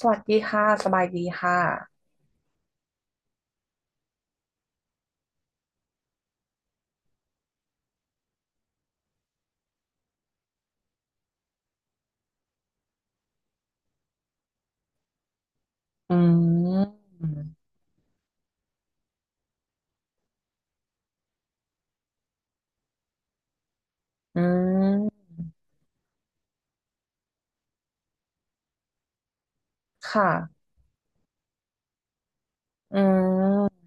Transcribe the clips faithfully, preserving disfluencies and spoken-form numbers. สวัสดีค่ะ สบายดีค่ะ อืม อืม ค่ะ อืม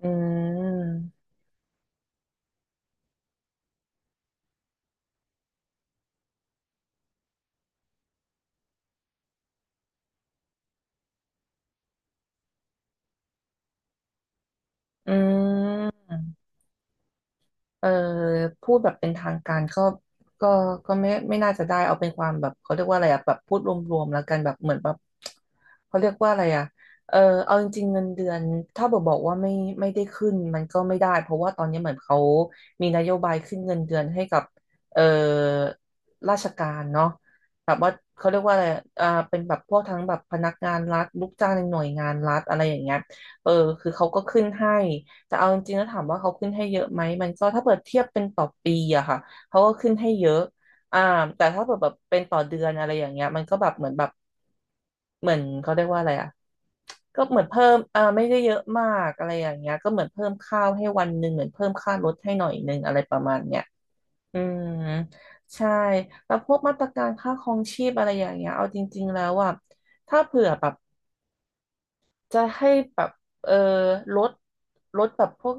อืม อืม เออพูดแบบเป็นทางการก็ก็ก็ไม่ไม่น่าจะได้เอาเป็นความแบบเขาเรียกว่าอะไรอะแบบพูดรวมๆแล้วกันแบบเหมือนแบบเขาเรียกว่าอะไรอะเออเอาจริงๆเงินเดือนถ้าบอกบอกว่าไม่ไม่ได้ขึ้นมันก็ไม่ได้เพราะว่าตอนนี้เหมือนเขามีนโยบายขึ้นเงินเดือนให้กับเออราชการเนาะแบบว่าเขาเรียกว่าอะไรอะอ่าเป็นแบบพวกทั้งแบบพนักงานรัฐลูกจ้างในหน่วยงานรัฐอะไรอย่างเงี้ยเออคือเขาก็ขึ้นให้ แต่เอาจริงๆแล้วถามว่าเขาขึ้นให้เยอะไหมมันก็ถ้าเปิดเทียบเป็นต่อปีอะค่ะเขาก็ขึ้นให้เยอะอ่าแต่ถ้าเปิดแบบเป็นต่อเดือนอะไรอย่างเงี้ยมันก็แบบเหมือนแบบเหมือนเขาเรียกว่าอะไรอะก็เหมือนเพิ่มอ่าไม่ได้เยอะมากอะไรอย่างเงี้ยก็เหมือนเพิ่มข้าวให้วันหนึ่งเหมือนเพิ่มค่ารถให้หน่อยหนึ่งอะไรประมาณเนี้ยอืมใช่แล้วพวกมาตรการค่าครองชีพอะไรอย่างเงี้ยเอาจริงๆแล้วอะถ้าเผื่อแบบ จะให้แบบเออลดลดแบบพวก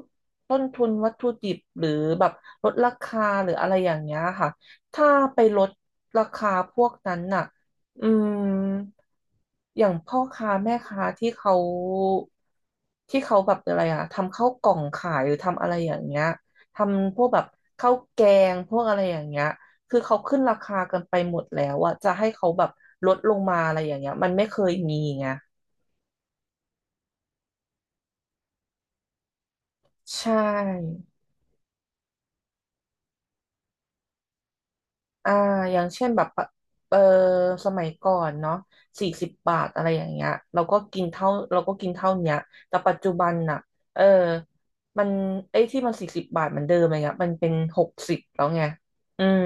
ต้นทุนวัตถุดิบหรือแบบลดราคาหรืออะไรอย่างเงี้ยค่ะถ้าไปลดราคาพวกนั้นน่ะอืมอย่างพ่อค้าแม่ค้าที่เขาที่เขาแบบอะไรอะทำข้าวกล่องขายหรือทำอะไรอย่างเงี้ยทำพวกแบบข้าวแกงพวกอะไรอย่างเงี้ยคือเขาขึ้นราคากันไปหมดแล้วอะจะให้เขาแบบลดลงมาอะไรอย่างเงี้ยมันไม่เคยมีไง ใช่อ่าอย่างเช่นแบบปะเออสมัยก่อนเนาะสี่สิบบาทอะไรอย่างเงี้ยเราก็กินเท่าเราก็กินเท่าเนี้ยแต่ปัจจุบันน่ะเออมันไอ้ที่มันสี่สิบบาทเหมือนเดิมอะไรเงี้ยมันเป็นหกสิบแล้วไงอืม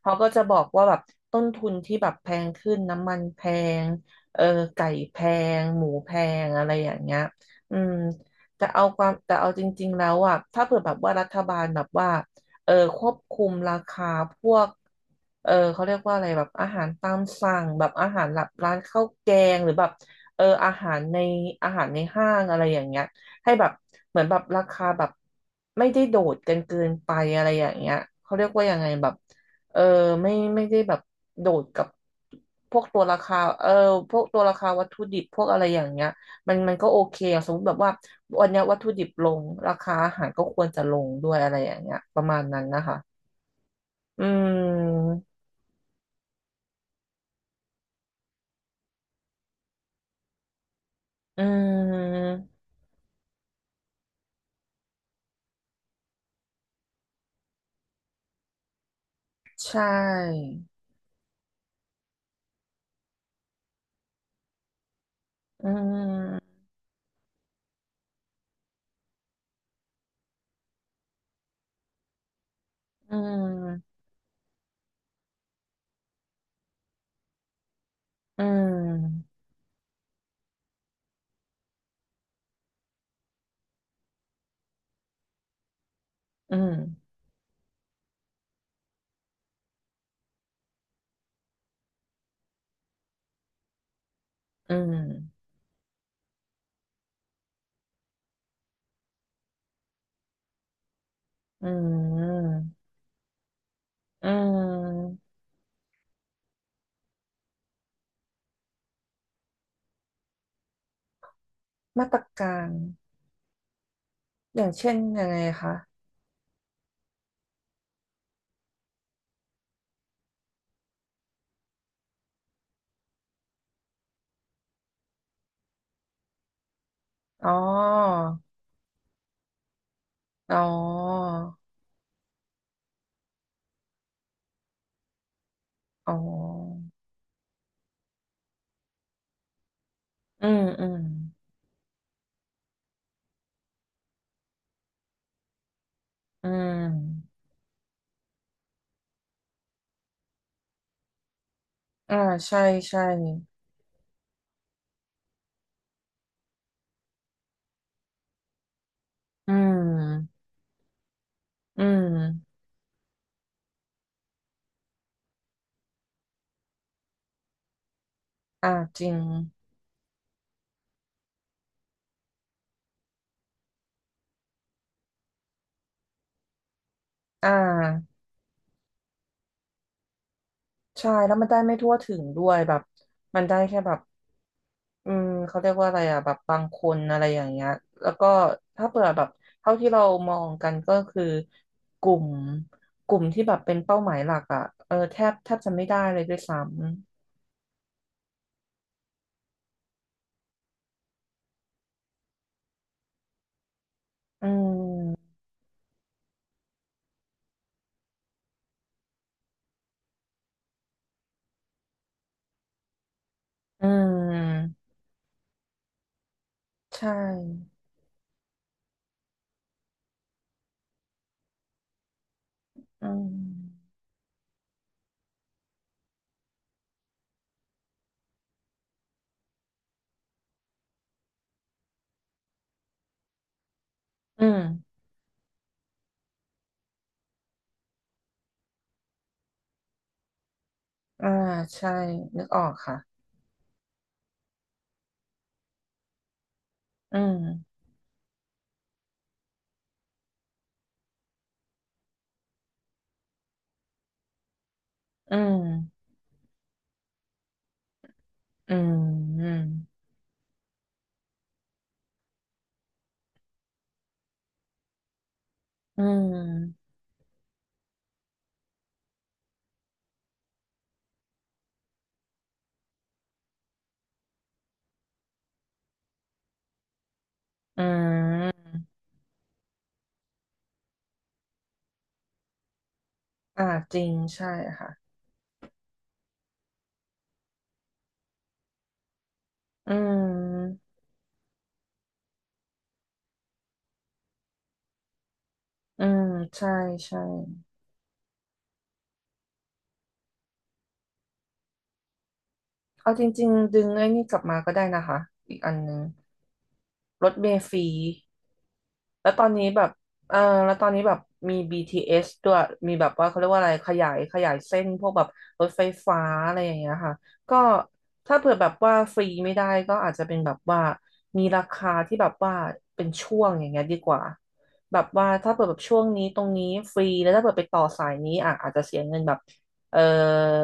เขาก็จะบอกว่าแบบต้นทุนที่แบบแพงขึ้นน้ำมันแพงเออไก่แพง หมูแพงอะไรอย่างเงี้ยอืมแต่เอาความแต่เอาจริงๆแล้วอ่ะถ้าเผื่อแบบว่ารัฐบาลแบบว่า เออควบคุมราคาพวกเออเขาเรียกว่าอะไรแบบอาหารตามสั่งแบบอาหารหับร้านข้าวแกงหรือแบบเอออาหารในอาหารในห้างอะไรอย่างเงี้ยให้แบบเหมือนแบบราคาแบบไม่ได้โดดกันเกินไปอะไรอย่างเงี้ยเขาเรียกว่ายังไงแบบเออไม่ไม่ได้แบบโดดกับพวกตัวราคาเออพวกตัวราคาวัตถุดิบพวกอะไรอย่างเงี้ย มันมันก็โอเคอะสมมติแบบว่าวันเนี้ยวัตถุดิบลงราคาอาหารก็ควรจะลงด้วยอะไรอย่างเงี้ยประมาณนั้นนะคะอืมอืมใช่อืมอืมอืมอืมอืมอืมอืมมาตรการอย่างเช่นยังไงคะอ๋ออ๋ออ๋ออืมอืมอืมอ่าใช่ใช่อืม อืม อ่าจริง อ่าใช่แล้วมันได้ไม่ทั่วถึงด้วยแบบมันได้แค่แบบอืมเขาเรียกว่าอะไรอ่ะแบบบางคนอะไรอย่างเงี้ยแล้วก็ถ้าเปิดแบบเท่าที่เรามองกันก็คือกลุ่มกลุ่มที่แบบเป็นเป้าหมายหลักอ่ะเออแทบแทบจะไม่ได้เลยด้วยซ้ำอืมอืมใช่อืมอืมอ่าใช่นึกออกค่ะอืมอืมอืมอืม อืมอ่าจริงใช่ค่ะ อืม อืม ใช่ใช่ เอาจริงๆดึงไอ้นี่กลับมาก็ได้นะคะ อีกอันหนึงรถเมล์ฟรี แล้วตอนนี้แบบเออแล้วตอนนี้แบบมี บี ที เอส ด้วยมีแบบว่าเขาเรียกว่าอะไรขยายขยายเส้นพวกแบบรถไฟฟ้าอะไรอย่างเงี้ยค่ะก็ถ้าเผื่อแบบว่าฟรีไม่ได้ ก็อาจจะเป็นแบบว่ามีราคาที่แบบว่าเป็นช่วงอย่างเงี้ยดีกว่าแบบว่าถ้าเปิดแบบช่วงนี้ตรงนี้ฟรีแล้วถ้าเปิดไปต่อสายนี้อ่ะอาจจะเสียเงินแบบเออ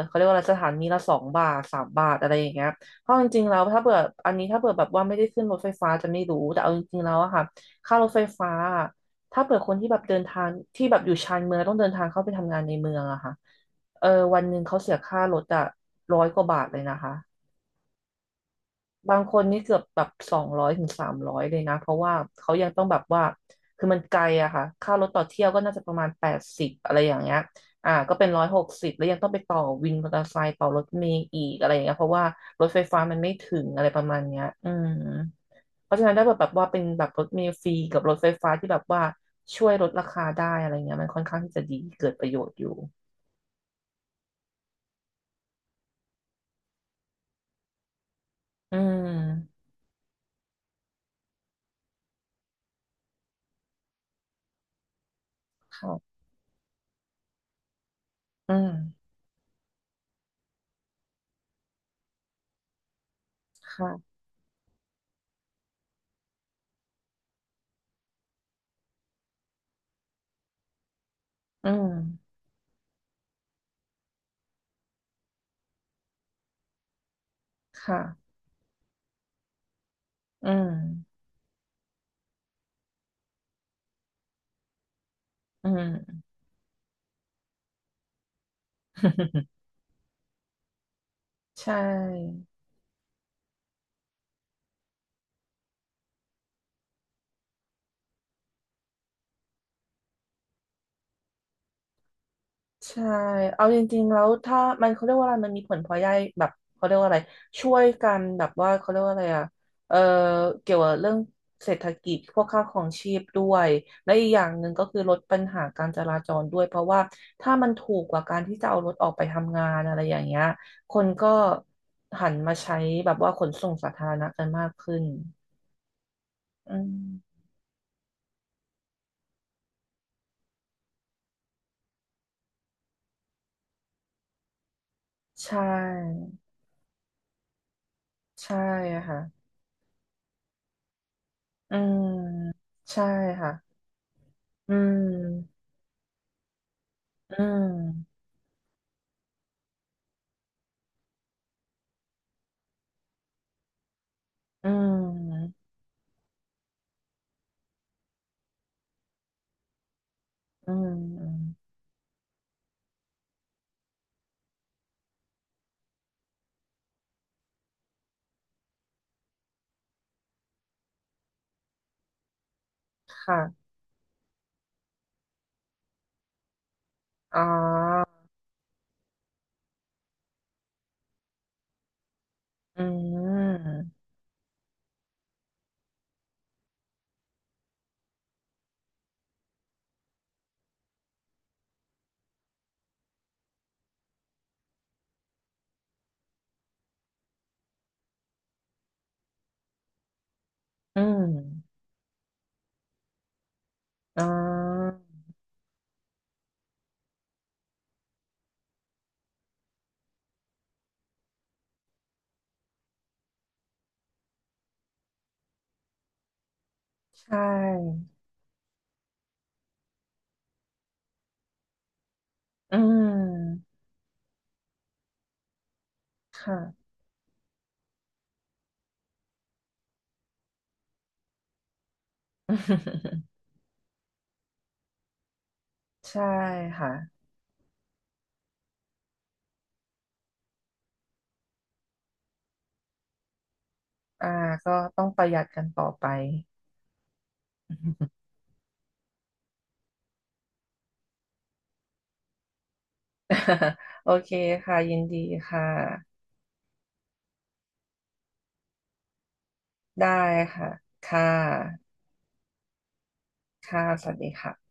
เขาเรียกว่าอะไรสถานีละสองบาทสามบาทอะไรอย่างเงี้ยเพราะจริงๆแล้วถ้าเปิดออันนี้ถ้าเปิดแบบว่าไม่ได้ขึ้นรถไฟฟ้าจะไม่รู้แต่เอาจริงๆแล้วอะค่ะ ค่ารถไฟฟ้าถ้าเผื่อคนที่แบบเดินทางที่แบบอยู่ชานเมืองแล้วต้องเดินทางเข้าไปทำงานในเมืองอะค่ะเออวันหนึ่งเขาเสียค่ารถอะร้อยกว่าบาทเลยนะคะบางคนนี่เกือบแบบสองร้อยถึงสามร้อยเลยนะเพราะว่าเขายังต้องแบบว่าคือมันไกลอะค่ะค่ารถต่อเที่ยวก็น่าจะประมาณแปดสิบอะไรอย่างเงี้ยอ่าก็เป็นร้อยหกสิบแล้วยังต้องไปต่อวินมอเตอร์ไซค์ต่อรถเมล์อีกอะไรอย่างเงี้ยเพราะว่ารถไฟฟ้ามันไม่ถึงอะไรประมาณเนี้ยอืม เพราะฉะนั้นถ้าแบบแบบว่าเป็นแบบรถเมล์ฟรีกับรถไฟฟ้าที่แบบว่าช่วยลดราคาได้อะไรเงี้ยมันค่อนข้างที่จะดีเกิดประโยชน์อยู่อืมค่ะอืมค่ะอืมค่ะอืม อืม ใช่ ใช่ เอาจริงๆแล้วถ้ามันเขาเรียกว่าอะไรมันมีผลพลอยได้แบบเขาเรียกว่าอะไรช่วยกันแบบว่าเขาเรียกว่าอะไรอ่ะ เออเกี่ยวกับเรื่องเศรษฐกิจพวกค่าครองชีพด้วยและอีกอย่างหนึ่งก็คือลดปัญหาการจราจรด้วยเพราะว่าถ้ามันถูกกว่าการที่จะเอารถออกไปทำงานอะไรอย่างเงี้ยคนก็หันมาใช้แบบว่าขนส่งสาธารณะกันมากขึ้นอืมใช่ใช่ค่ะอืมใช่ค่ะอืมอืม อืมอืม อืม ค่ะอ๋ออืม อืมอ๋อใช่ อืม ค่ะ ใช่ค่ะอ่าก็ต้องประหยัดกันต่อไป โอเคค่ะ ยินดีค่ะ ได้ค่ะ ค่ะ ค่ะ สวัสดีค่ะ